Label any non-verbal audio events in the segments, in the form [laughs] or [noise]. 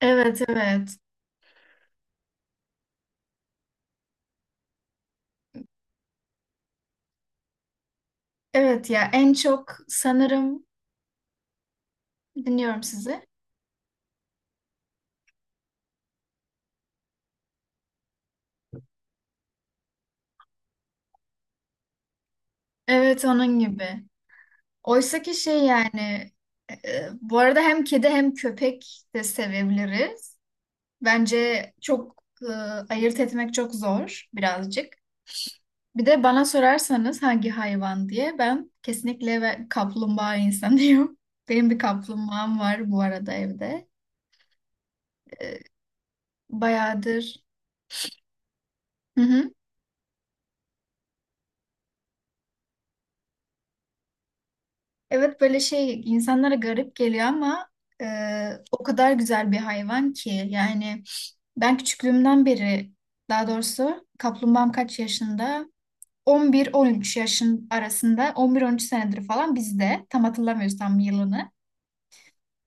Evet, evet. Evet ya en çok sanırım dinliyorum sizi. Evet onun gibi. Oysa ki şey yani bu arada hem kedi hem köpek de sevebiliriz. Bence çok ayırt etmek çok zor birazcık. Bir de bana sorarsanız hangi hayvan diye ben kesinlikle kaplumbağa insanıyım. [laughs] Benim bir kaplumbağam var bu arada evde. E, Bayağıdır. Hı hı. Evet böyle şey insanlara garip geliyor ama e, o kadar güzel bir hayvan ki yani ben küçüklüğümden beri daha doğrusu kaplumbağam kaç yaşında? 11-13 yaşın arasında, 11-13 senedir falan bizde, tam hatırlamıyoruz tam yılını.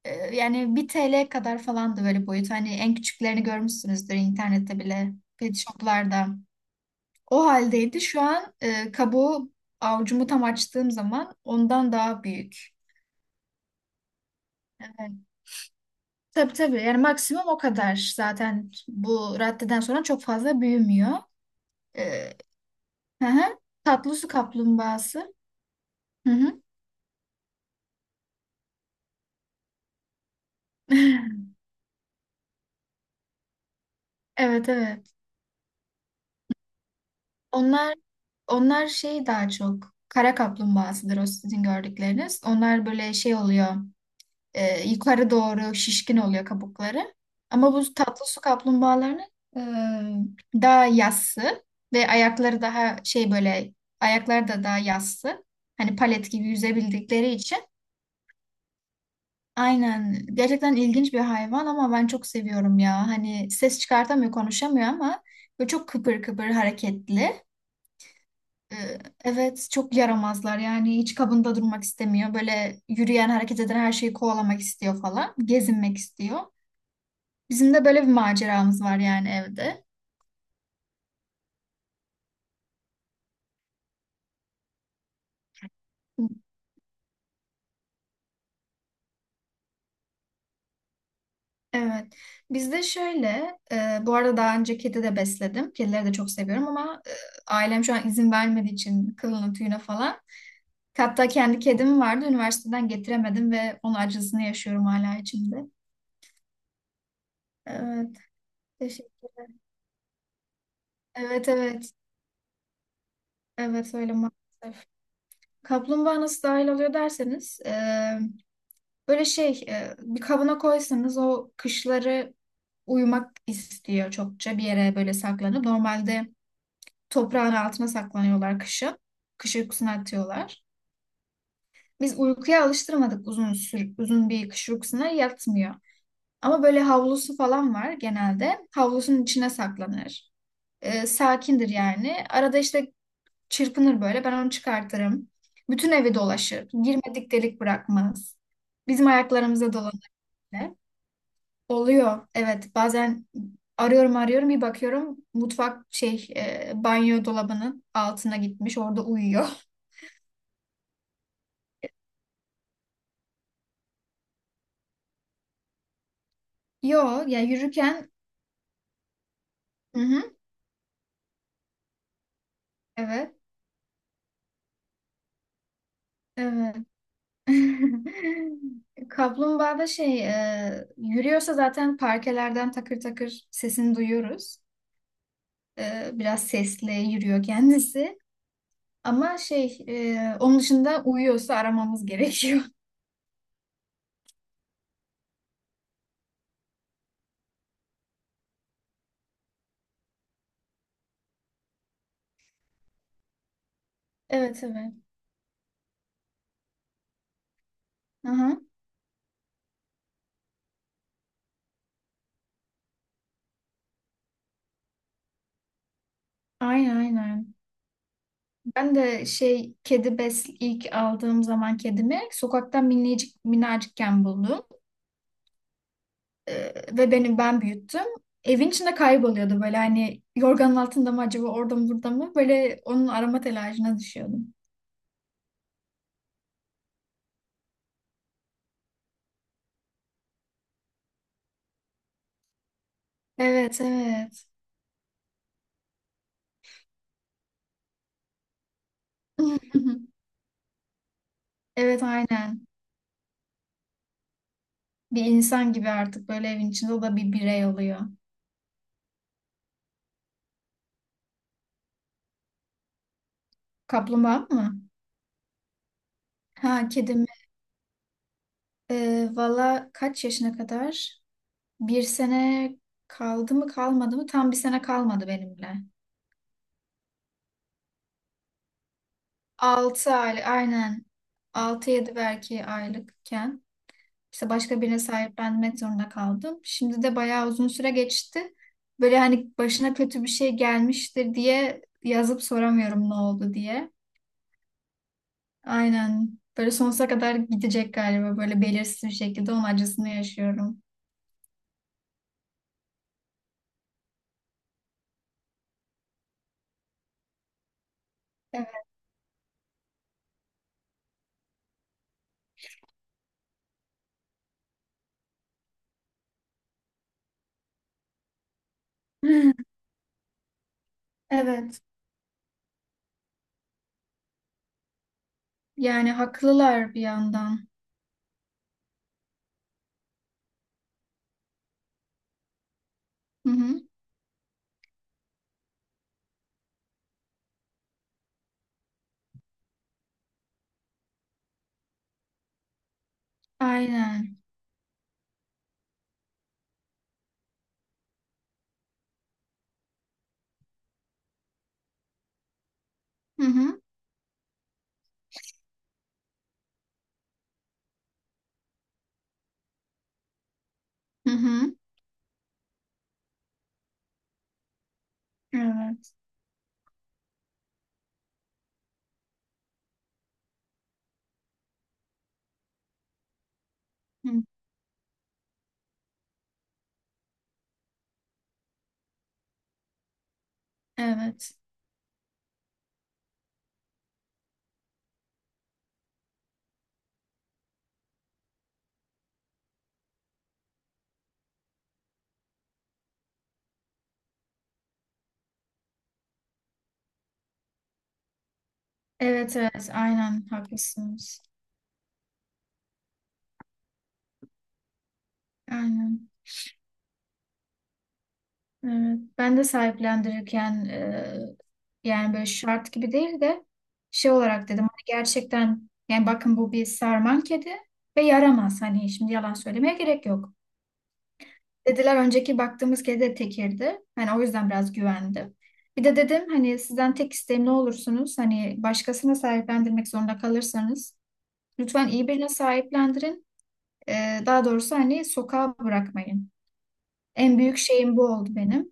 Yani 1 TL kadar falandı böyle boyut, hani en küçüklerini görmüşsünüzdür internette bile, pet shoplarda. O haldeydi şu an. Kabuğu avucumu tam açtığım zaman ondan daha büyük. Evet. Tabii tabii, yani maksimum o kadar zaten, bu raddeden sonra çok fazla büyümüyor. Ee, hı hı. Tatlı su kaplumbağası. Hı hı. [laughs] Evet evet. Onlar onlar şey, daha çok kara kaplumbağasıdır o sizin gördükleriniz. Onlar böyle şey oluyor, yukarı doğru şişkin oluyor kabukları. Ama bu tatlı su kaplumbağalarının daha yassı, ve ayakları daha şey böyle, ayakları da daha yassı. Hani palet gibi yüzebildikleri için. Aynen. Gerçekten ilginç bir hayvan ama ben çok seviyorum ya. Hani ses çıkartamıyor, konuşamıyor ama böyle çok kıpır kıpır, hareketli. Ee, Evet, çok yaramazlar yani, hiç kabında durmak istemiyor. Böyle yürüyen, hareket eden her şeyi kovalamak istiyor falan. Gezinmek istiyor. Bizim de böyle bir maceramız var yani evde. Evet. Bizde şöyle, bu arada daha önce kedi de besledim. Kedileri de çok seviyorum ama ailem şu an izin vermediği için, kılına tüyüne falan. Hatta kendi kedim vardı. Üniversiteden getiremedim ve onun acısını yaşıyorum hala içimde. Evet. teşekkür- Evet evet. Evet öyle maalesef. Kaplumbağa nasıl dahil oluyor derseniz, böyle şey, bir kabına koysanız o kışları uyumak istiyor çokça, bir yere böyle saklanıp. Normalde toprağın altına saklanıyorlar kışın. Kış uykusuna atıyorlar. Biz uykuya alıştırmadık, uzun bir kış uykusuna yatmıyor. Ama böyle havlusu falan var genelde. Havlusunun içine saklanır. Sakindir yani. Arada işte çırpınır böyle. Ben onu çıkartırım. Bütün evi dolaşır. Girmedik delik bırakmaz. Bizim ayaklarımıza dolanır bile. Oluyor. Evet, bazen arıyorum, arıyorum, bir bakıyorum mutfak şey, banyo dolabının altına gitmiş, orada uyuyor. [laughs] Yo ya, yürürken. Hı hı, evet evet. [laughs] Kaplumbağa da şey, yürüyorsa zaten parkelerden takır takır sesini duyuyoruz. Biraz sesli yürüyor kendisi. Ama şey, onun dışında uyuyorsa aramamız gerekiyor. [laughs] Evet evet. Aha. Aynen aynen. Ben de şey, kedi bes ilk aldığım zaman kedimi sokaktan minicik minacıkken buldum. Ve benim, ben büyüttüm. Evin içinde kayboluyordu böyle, hani yorganın altında mı acaba, orada mı burada mı, böyle onun arama telaşına düşüyordum. Evet evet. [laughs] Evet aynen. Bir insan gibi artık böyle evin içinde, o da bir birey oluyor. Kaplumbağa mı? Ha, kedim. Valla kaç yaşına kadar? Bir sene kaldı mı, kalmadı mı? Tam bir sene kalmadı benimle. Altı aylık aynen. Altı yedi belki aylıkken. İşte başka birine sahiplenmek zorunda kaldım. Şimdi de bayağı uzun süre geçti. Böyle hani başına kötü bir şey gelmiştir diye yazıp soramıyorum ne oldu diye. Aynen. Böyle sonsuza kadar gidecek galiba, böyle belirsiz bir şekilde onun acısını yaşıyorum. Evet. [laughs] Evet. Yani haklılar bir yandan. Hı hı. Aynen. Hı hı. Hı hı. Evet. Hı. Evet. Evet evet, aynen haklısınız. Aynen. Evet, ben de sahiplendirirken yani böyle şart gibi değil de şey olarak dedim hani, gerçekten yani bakın, bu bir sarman kedi ve yaramaz, hani şimdi yalan söylemeye gerek yok. Dediler, önceki baktığımız kedi de tekirdi. Hani o yüzden biraz güvendim. Bir de dedim hani sizden tek isteğim, ne olursunuz hani başkasına sahiplendirmek zorunda kalırsanız lütfen iyi birine sahiplendirin. E, Daha doğrusu hani sokağa bırakmayın. En büyük şeyim bu oldu benim.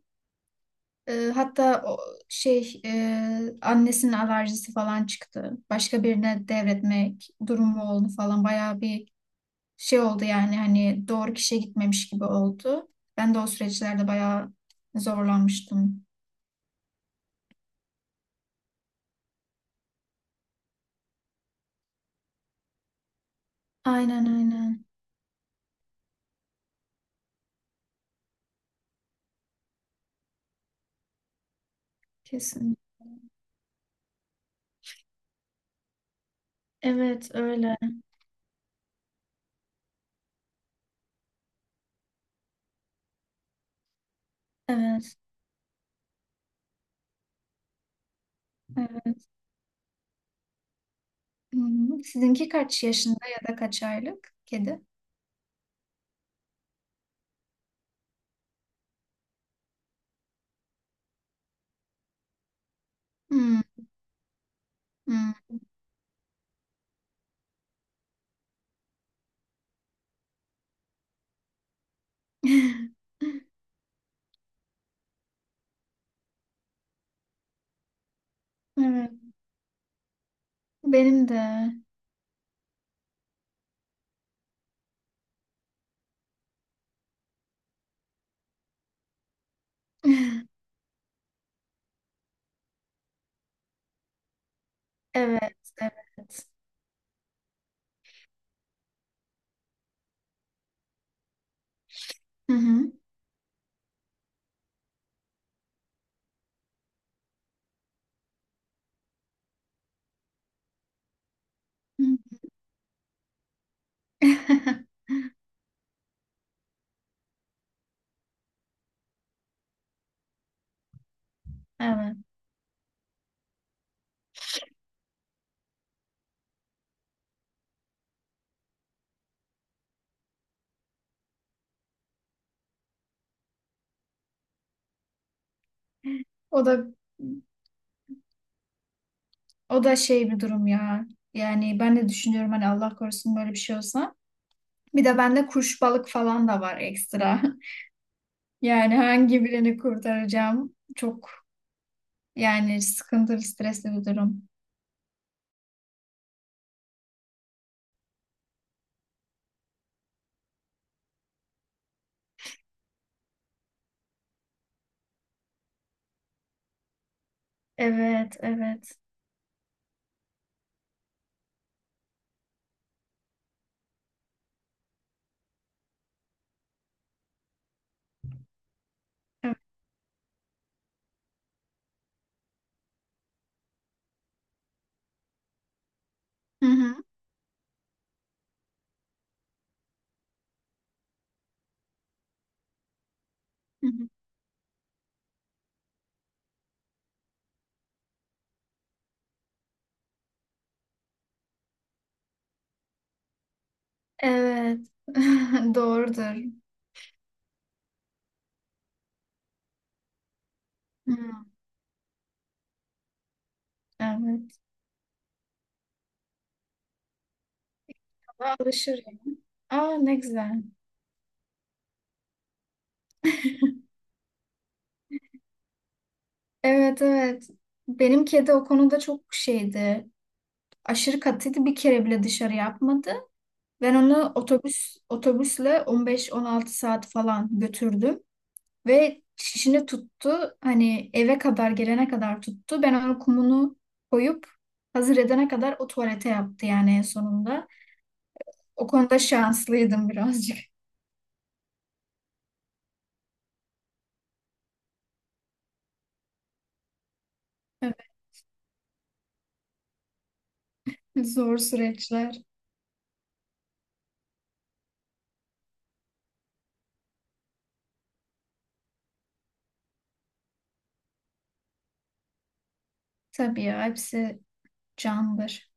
Hatta o şey, annesinin alerjisi falan çıktı. Başka birine devretmek durumu oldu falan. Bayağı bir şey oldu yani, hani doğru kişiye gitmemiş gibi oldu. Ben de o süreçlerde bayağı zorlanmıştım. Aynen aynen. Kesin. Evet öyle. Evet. Evet. Hı-hı. Sizinki kaç yaşında ya da kaç aylık kedi? Hı, hı. [laughs] Evet. Benim de. [laughs] Evet. Evet. Hı hı. Hı. [laughs] Evet. O da o da şey bir durum ya. Yani ben de düşünüyorum hani Allah korusun böyle bir şey olsa. Bir de bende kuş, balık falan da var ekstra. [laughs] Yani hangi birini kurtaracağım? Çok yani sıkıntılı, stresli bir durum. Evet, evet. Evet. Hı hı. Hı hı. Evet. [laughs] Doğrudur. Hı, evet. Ama alışır ya. Aa, ne güzel. Evet evet. Benim kedi o konuda çok şeydi, aşırı katıydı. Bir kere bile dışarı yapmadı. Ben onu otobüsle 15-16 saat falan götürdüm ve şişini tuttu. Hani eve kadar gelene kadar tuttu. Ben onun kumunu koyup hazır edene kadar o tuvalete yaptı yani en sonunda. O konuda şanslıydım birazcık. [laughs] Evet, zor süreçler. Tabii ya, hepsi candır.